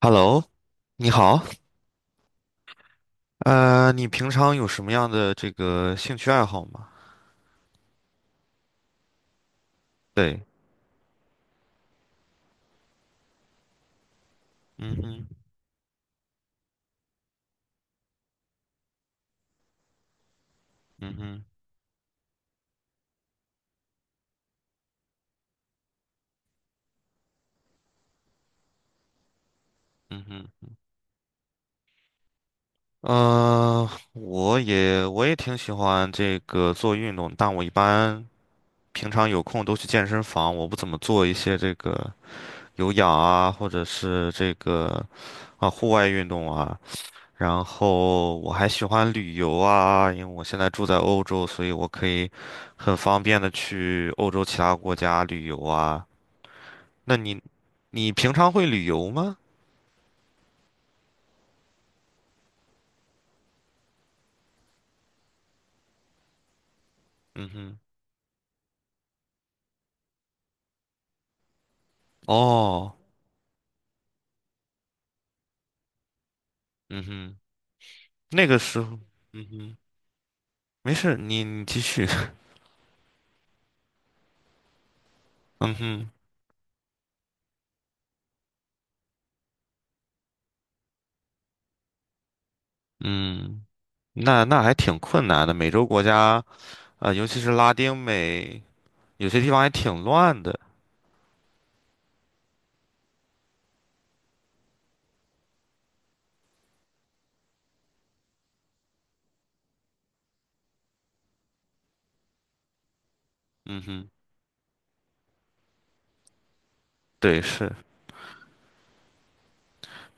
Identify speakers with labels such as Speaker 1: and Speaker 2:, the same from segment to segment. Speaker 1: Hello，你好，你平常有什么样的这个兴趣爱好吗？对。嗯哼。嗯哼。嗯哼。我也挺喜欢这个做运动，但我一般平常有空都去健身房，我不怎么做一些这个有氧啊，或者是这个啊户外运动啊。然后我还喜欢旅游啊，因为我现在住在欧洲，所以我可以很方便的去欧洲其他国家旅游啊。那你平常会旅游吗？嗯哼。哦。嗯哼。那个时候，嗯哼，没事，你继续。嗯哼。嗯，那那还挺困难的，美洲国家，尤其是拉丁美，有些地方还挺乱的。嗯哼。对，是。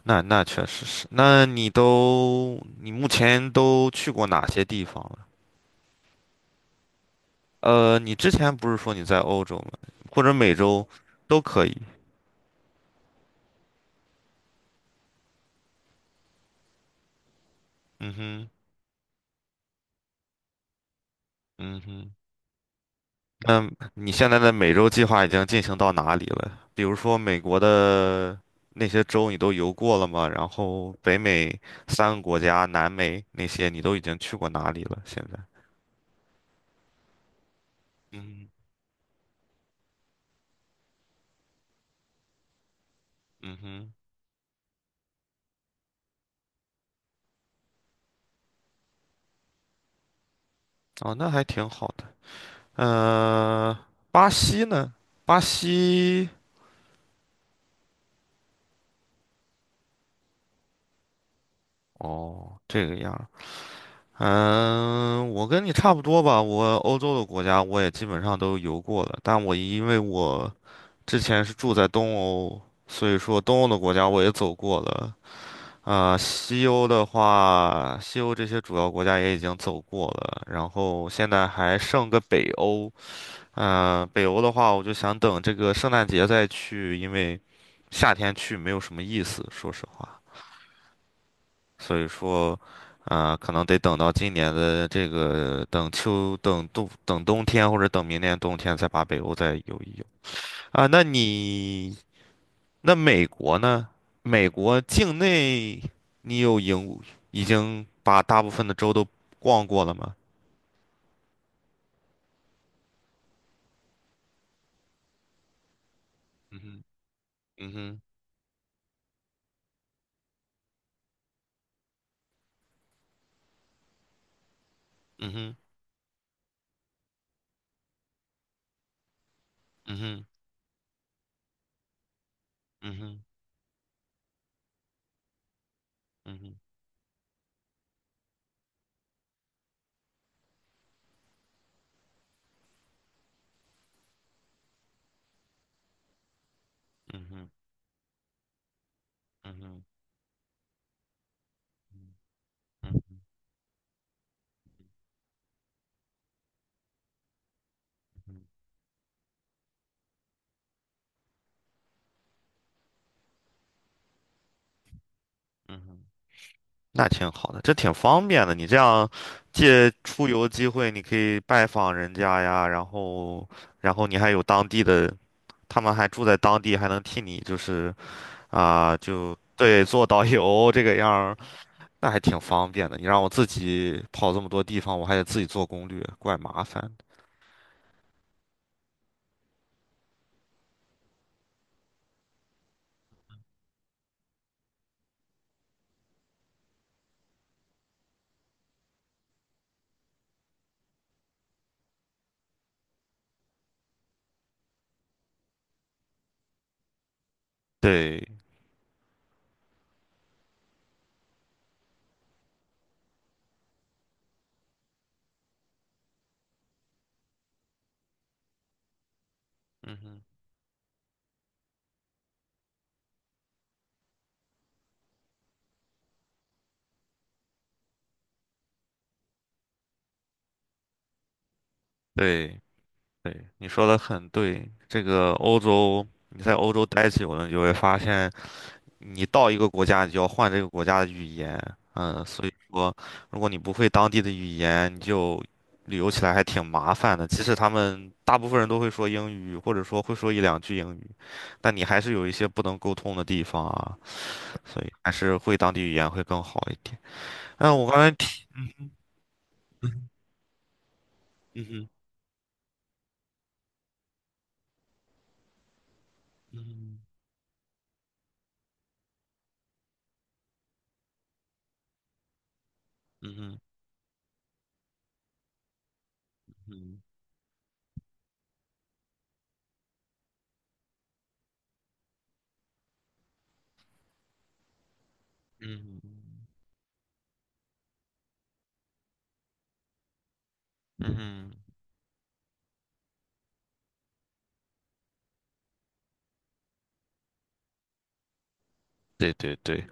Speaker 1: 那那确实是，那你目前都去过哪些地方了？你之前不是说你在欧洲吗？或者美洲都可以。嗯哼。嗯哼。那你现在的美洲计划已经进行到哪里了？比如说美国的那些州你都游过了吗？然后北美三个国家，南美那些你都已经去过哪里了？现在？嗯。嗯哼。哦，那还挺好的。嗯，巴西呢？巴西，哦，这个样儿。嗯，我跟你差不多吧。我欧洲的国家我也基本上都游过了，但我因为我之前是住在东欧，所以说东欧的国家我也走过了。啊、西欧的话，西欧这些主要国家也已经走过了，然后现在还剩个北欧。嗯、北欧的话，我就想等这个圣诞节再去，因为夏天去没有什么意思，说实话。所以说，啊、可能得等到今年的这个等秋、等冬、等冬天，或者等明年冬天再把北欧再游一游。啊，那你那美国呢？美国境内你有影已经把大部分的州都逛过了吗？嗯哼。嗯哼。嗯哼。嗯哼。嗯哼。嗯哼。嗯哼。嗯哼。嗯哼。嗯哼。那挺好的，这挺方便的。你这样借出游机会，你可以拜访人家呀，然后，然后你还有当地的，他们还住在当地，还能替你就是啊、就对，做导游这个样儿。那还挺方便的。你让我自己跑这么多地方，我还得自己做攻略，怪麻烦的。对。嗯哼。对对，你说的很对。这个欧洲，你在欧洲待久了，你就会发现，你到一个国家，你就要换这个国家的语言。嗯，所以说，如果你不会当地的语言，你就旅游起来还挺麻烦的。即使他们大部分人都会说英语，或者说会说一两句英语。但你还是有一些不能沟通的地方啊，所以还是会当地语言会更好一点。嗯，我刚才提，嗯哼。嗯哼。嗯哼。嗯哼。嗯哼。嗯哼。对对对。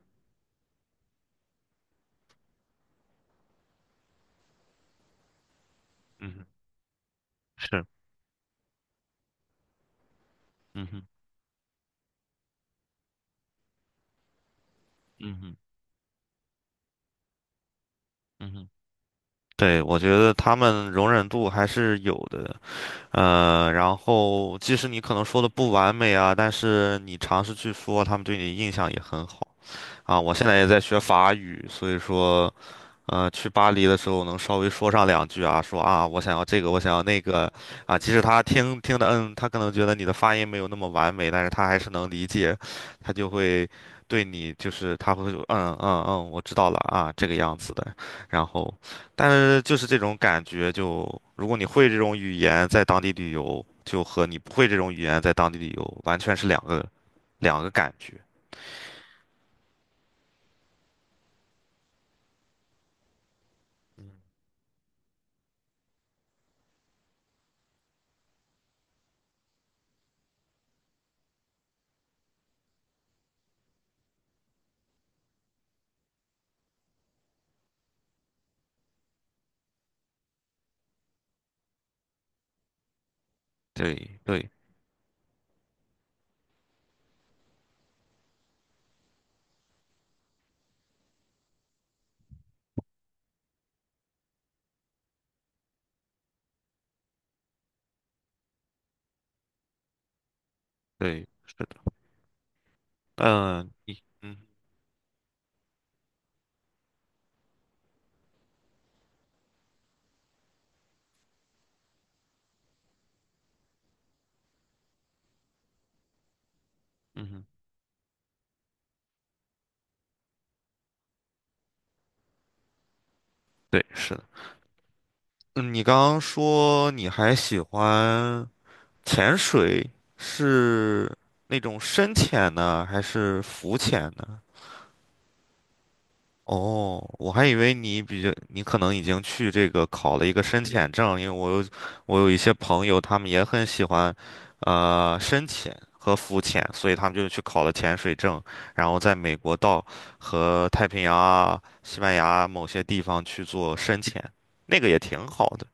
Speaker 1: 嗯哼。是。嗯哼。嗯哼。嗯哼。对，我觉得他们容忍度还是有的。然后即使你可能说的不完美啊，但是你尝试去说，他们对你的印象也很好啊。我现在也在学法语，所以说，去巴黎的时候能稍微说上两句啊，说啊，我想要这个，我想要那个，啊，即使他听听的，嗯，他可能觉得你的发音没有那么完美，但是他还是能理解，他就会对你就是他会说嗯嗯嗯，我知道了啊，这个样子的。然后，但是就是这种感觉就，如果你会这种语言在当地旅游，就和你不会这种语言在当地旅游完全是两个感觉。对对对，是的。嗯，你嗯嗯哼。对，是的。嗯，你刚刚说你还喜欢潜水，是那种深潜呢，还是浮潜呢？哦，我还以为你比较，你可能已经去这个考了一个深潜证，因为我有一些朋友，他们也很喜欢，深潜和浮潜，所以他们就去考了潜水证，然后在美国到和太平洋啊、西班牙啊某些地方去做深潜，那个也挺好的。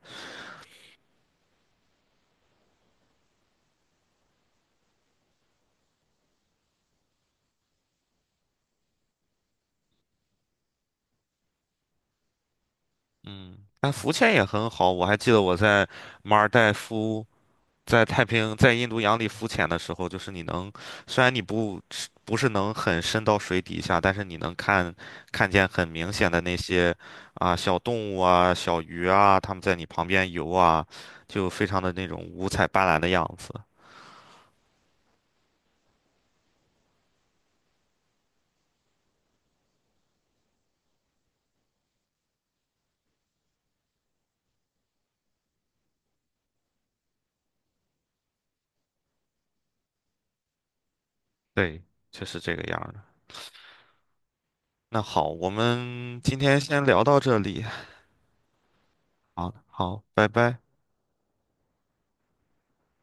Speaker 1: 嗯，那浮潜也很好。我还记得我在马尔代夫、在太平洋在印度洋里浮潜的时候，就是你能，虽然你不是能很深到水底下，但是你能看见很明显的那些啊小动物啊、小鱼啊，它们在你旁边游啊，就非常的那种五彩斑斓的样子。对，就是这个样儿的。那好，我们今天先聊到这里。好，好，拜拜。